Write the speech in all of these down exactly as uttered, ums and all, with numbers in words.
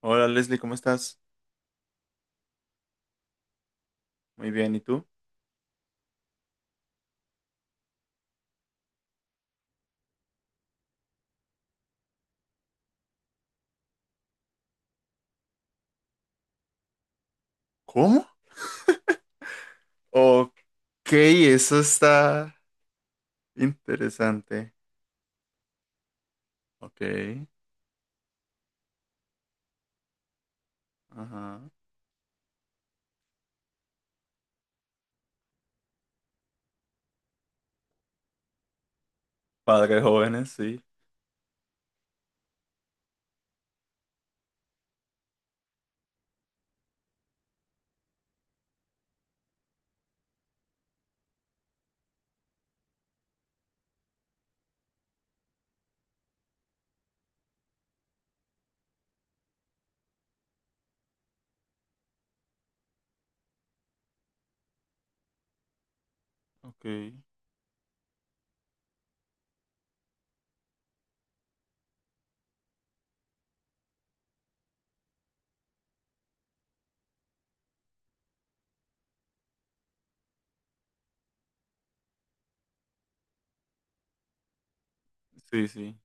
Hola Leslie, ¿cómo estás? Muy bien, ¿y tú? ¿Cómo? Ok, eso está interesante. Ok, ajá. Padres jóvenes, sí. Ok, sí, sí,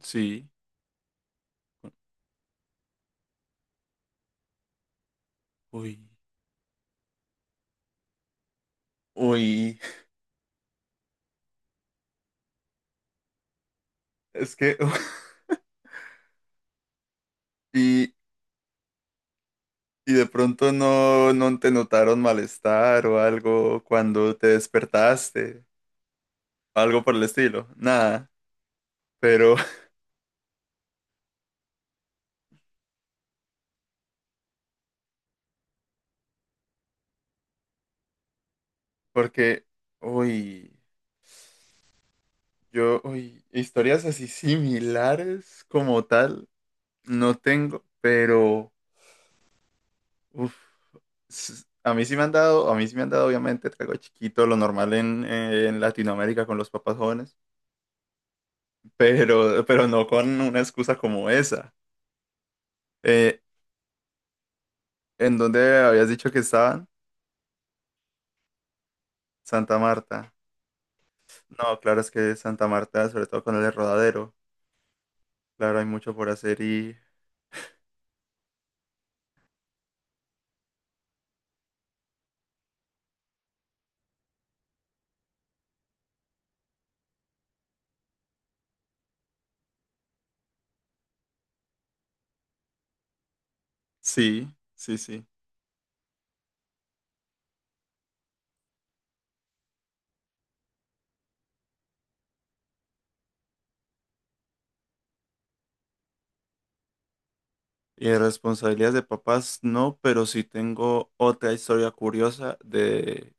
sí. Uy. Uy, es que... Y, y de pronto no, no te notaron malestar o algo cuando te despertaste, algo por el estilo, ¿nada? Pero porque, uy. Yo, uy, historias así similares como tal, no tengo, pero uf, s- a mí sí me han dado, a mí sí me han dado obviamente trago chiquito, lo normal en, eh, en Latinoamérica con los papás jóvenes, pero, pero no con una excusa como esa. Eh, ¿en dónde habías dicho que estaban? Santa Marta. No, claro, es que Santa Marta, sobre todo con el Rodadero, claro, hay mucho por hacer y sí, sí, sí. Y de responsabilidades de papás no, pero sí tengo otra historia curiosa de,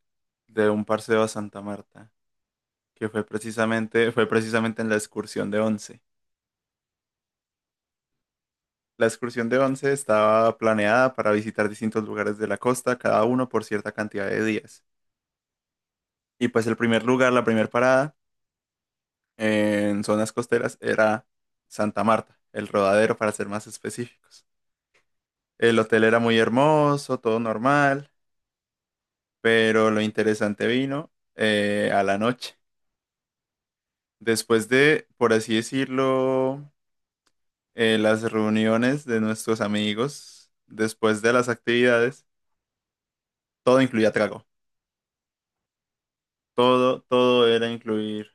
de un parcero a Santa Marta, que fue precisamente, fue precisamente en la excursión de Once. La excursión de Once estaba planeada para visitar distintos lugares de la costa, cada uno por cierta cantidad de días. Y pues el primer lugar, la primera parada en zonas costeras era Santa Marta, el Rodadero para ser más específicos. El hotel era muy hermoso, todo normal. Pero lo interesante vino eh, a la noche. Después de, por así decirlo, eh, las reuniones de nuestros amigos, después de las actividades, todo incluía trago. Todo, todo era incluir.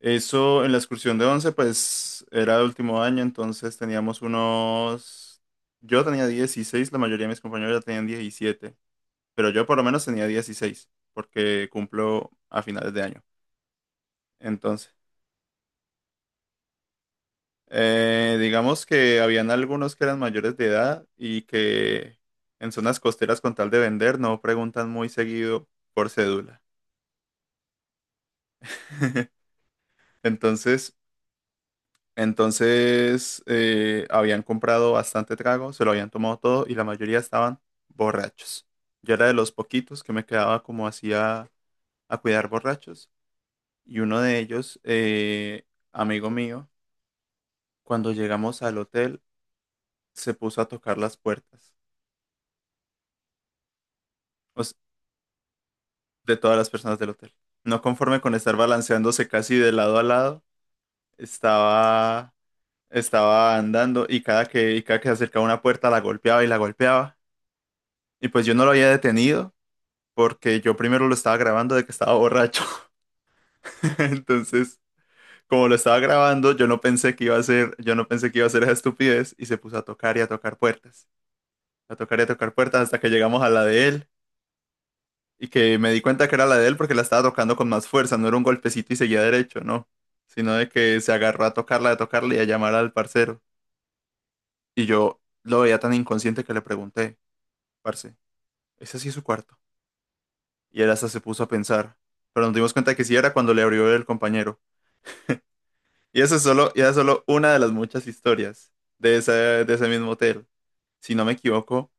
Eso en la excursión de once, pues era el último año, entonces teníamos unos... Yo tenía dieciséis, la mayoría de mis compañeros ya tenían diecisiete, pero yo por lo menos tenía dieciséis, porque cumplo a finales de año. Entonces... Eh, digamos que habían algunos que eran mayores de edad y que en zonas costeras con tal de vender no preguntan muy seguido por cédula. Entonces, entonces eh, habían comprado bastante trago, se lo habían tomado todo y la mayoría estaban borrachos. Yo era de los poquitos que me quedaba como así a, a cuidar borrachos y uno de ellos, eh, amigo mío, cuando llegamos al hotel se puso a tocar las puertas. O s- de todas las personas del hotel. No conforme con estar balanceándose casi de lado a lado, estaba, estaba andando y cada que, y cada que se acercaba a una puerta la golpeaba y la golpeaba. Y pues yo no lo había detenido porque yo primero lo estaba grabando de que estaba borracho. Entonces, como lo estaba grabando, yo no pensé que iba a ser, yo no pensé que iba a ser esa estupidez y se puso a tocar y a tocar puertas. A tocar y a tocar puertas hasta que llegamos a la de él. Y que me di cuenta que era la de él porque la estaba tocando con más fuerza, no era un golpecito y seguía derecho, no, sino de que se agarró a tocarla, a tocarla y a llamar al parcero. Y yo lo veía tan inconsciente que le pregunté, parce, ¿ese sí es su cuarto? Y él hasta se puso a pensar, pero nos dimos cuenta que sí era cuando le abrió el compañero. Y eso es solo, y esa es solo una de las muchas historias de ese, de ese mismo hotel. Si no me equivoco,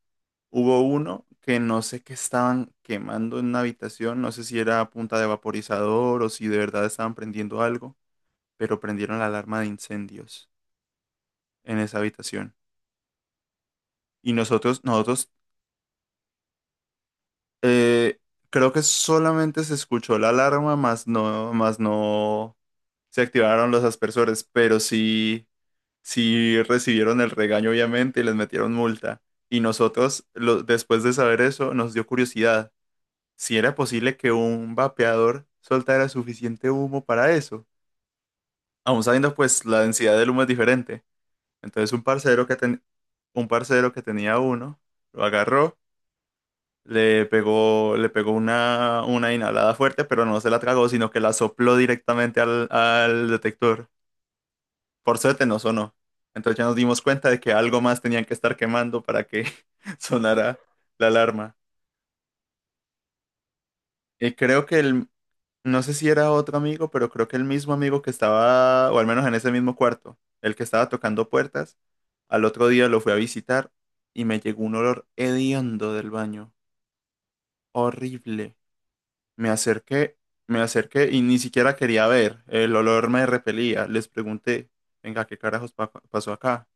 hubo uno que no sé qué estaban quemando en una habitación, no sé si era a punta de vaporizador o si de verdad estaban prendiendo algo, pero prendieron la alarma de incendios en esa habitación. Y nosotros, nosotros, eh, creo que solamente se escuchó la alarma, más no, más no se activaron los aspersores, pero sí, sí recibieron el regaño obviamente y les metieron multa. Y nosotros, lo- después de saber eso, nos dio curiosidad si era posible que un vapeador soltara suficiente humo para eso. Aún sabiendo, pues, la densidad del humo es diferente. Entonces, un parcero que, ten- un parcero que tenía uno, lo agarró, le pegó, le pegó una, una inhalada fuerte, pero no se la tragó, sino que la sopló directamente al, al detector. Por suerte no sonó. Entonces ya nos dimos cuenta de que algo más tenían que estar quemando para que sonara la alarma. Y creo que el, No sé si era otro amigo, pero creo que el mismo amigo que estaba, o al menos en ese mismo cuarto, el que estaba tocando puertas, al otro día lo fui a visitar y me llegó un olor hediondo del baño, horrible. Me acerqué, me acerqué y ni siquiera quería ver, el olor me repelía. Les pregunté, venga, ¿qué carajos pa- pasó acá?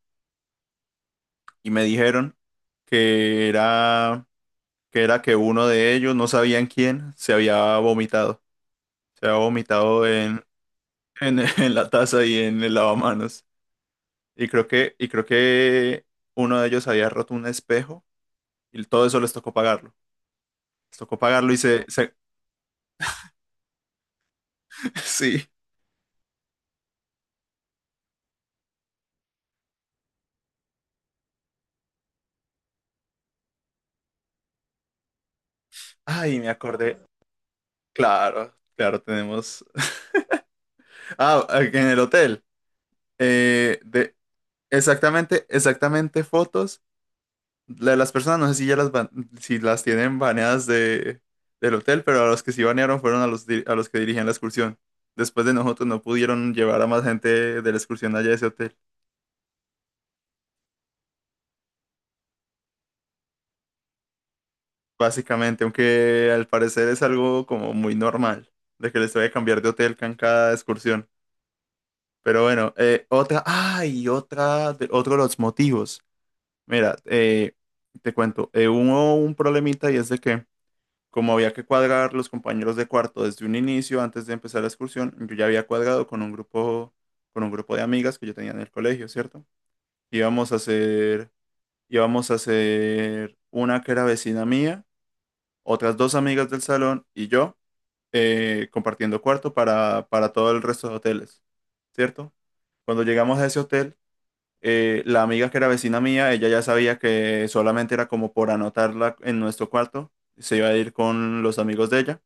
Y me dijeron que era, que era que uno de ellos, no sabían quién, se había vomitado. Se había vomitado en, en la taza y en el lavamanos. Y creo que, y creo que uno de ellos había roto un espejo y todo eso les tocó pagarlo. Les tocó pagarlo y se, se- sí. Ay, me acordé. Claro, claro, tenemos. Ah, eh, en el hotel. Eh, de exactamente, exactamente fotos de las personas. No sé si ya las ban- si las tienen baneadas de, del hotel, pero a los que sí banearon fueron a los, di- a los que dirigían la excursión. Después de nosotros no pudieron llevar a más gente de la excursión allá a ese hotel. Básicamente, aunque al parecer es algo como muy normal, de que les voy a cambiar de hotel con cada excursión. Pero bueno, eh, otra, ay, otra, de- otro de los motivos. Mira, eh, te cuento, eh, hubo un problemita y es de que como había que cuadrar los compañeros de cuarto desde un inicio, antes de empezar la excursión, yo ya había cuadrado con un grupo, con un grupo de amigas que yo tenía en el colegio, ¿cierto? Íbamos a hacer, íbamos a hacer una que era vecina mía, otras dos amigas del salón y yo, eh, compartiendo cuarto para, para todo el resto de hoteles, ¿cierto? Cuando llegamos a ese hotel, eh, la amiga que era vecina mía, ella ya sabía que solamente era como por anotarla en nuestro cuarto, se iba a ir con los amigos de ella.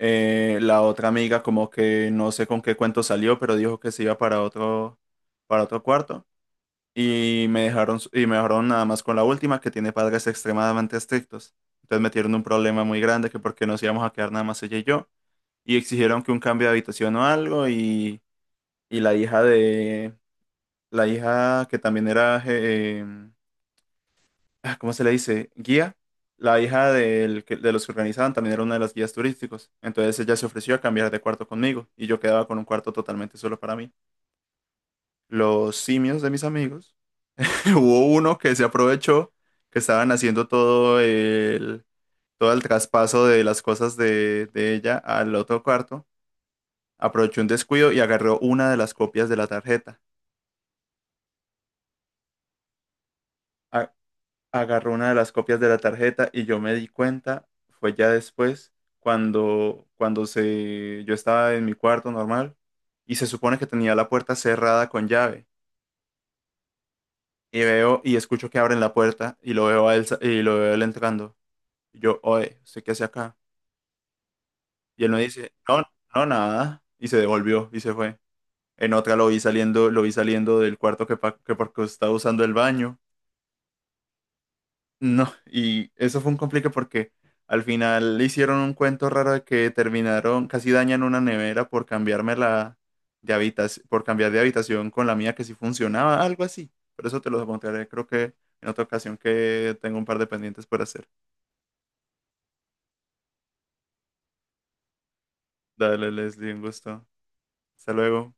Eh, la otra amiga como que no sé con qué cuento salió, pero dijo que se iba para otro, para otro cuarto. Y me dejaron, y me dejaron nada más con la última, que tiene padres extremadamente estrictos. Entonces metieron un problema muy grande que porque nos íbamos a quedar nada más ella y yo y exigieron que un cambio de habitación o algo y, y la hija de la hija que también era eh, ah, ¿cómo se le dice? Guía. La hija del que- de los que organizaban también era una de las guías turísticos, entonces ella se ofreció a cambiar de cuarto conmigo y yo quedaba con un cuarto totalmente solo para mí. Los simios de mis amigos hubo uno que se aprovechó que estaban haciendo todo el todo el traspaso de las cosas de, de ella al otro cuarto. Aprovechó un descuido y agarró una de las copias de la tarjeta. A- Agarró una de las copias de la tarjeta y yo me di cuenta, fue ya después, cuando, cuando se, yo estaba en mi cuarto normal y se supone que tenía la puerta cerrada con llave. Y veo y escucho que abren la puerta y lo veo a él, sa- y lo veo a él entrando. Y yo, oye, ¿usted qué hace acá? Y él me dice, no, no, nada. Y se devolvió y se fue. En otra lo vi saliendo, lo vi saliendo del cuarto que, pa- que porque estaba usando el baño. No, y eso fue un complique porque al final le hicieron un cuento raro de que terminaron, casi dañan una nevera por cambiarme la de habitación, por cambiar de habitación con la mía que sí funcionaba, algo así. Pero eso te lo contaré, creo que en otra ocasión que tengo un par de pendientes por hacer. Dale, Leslie, un gusto. Hasta luego.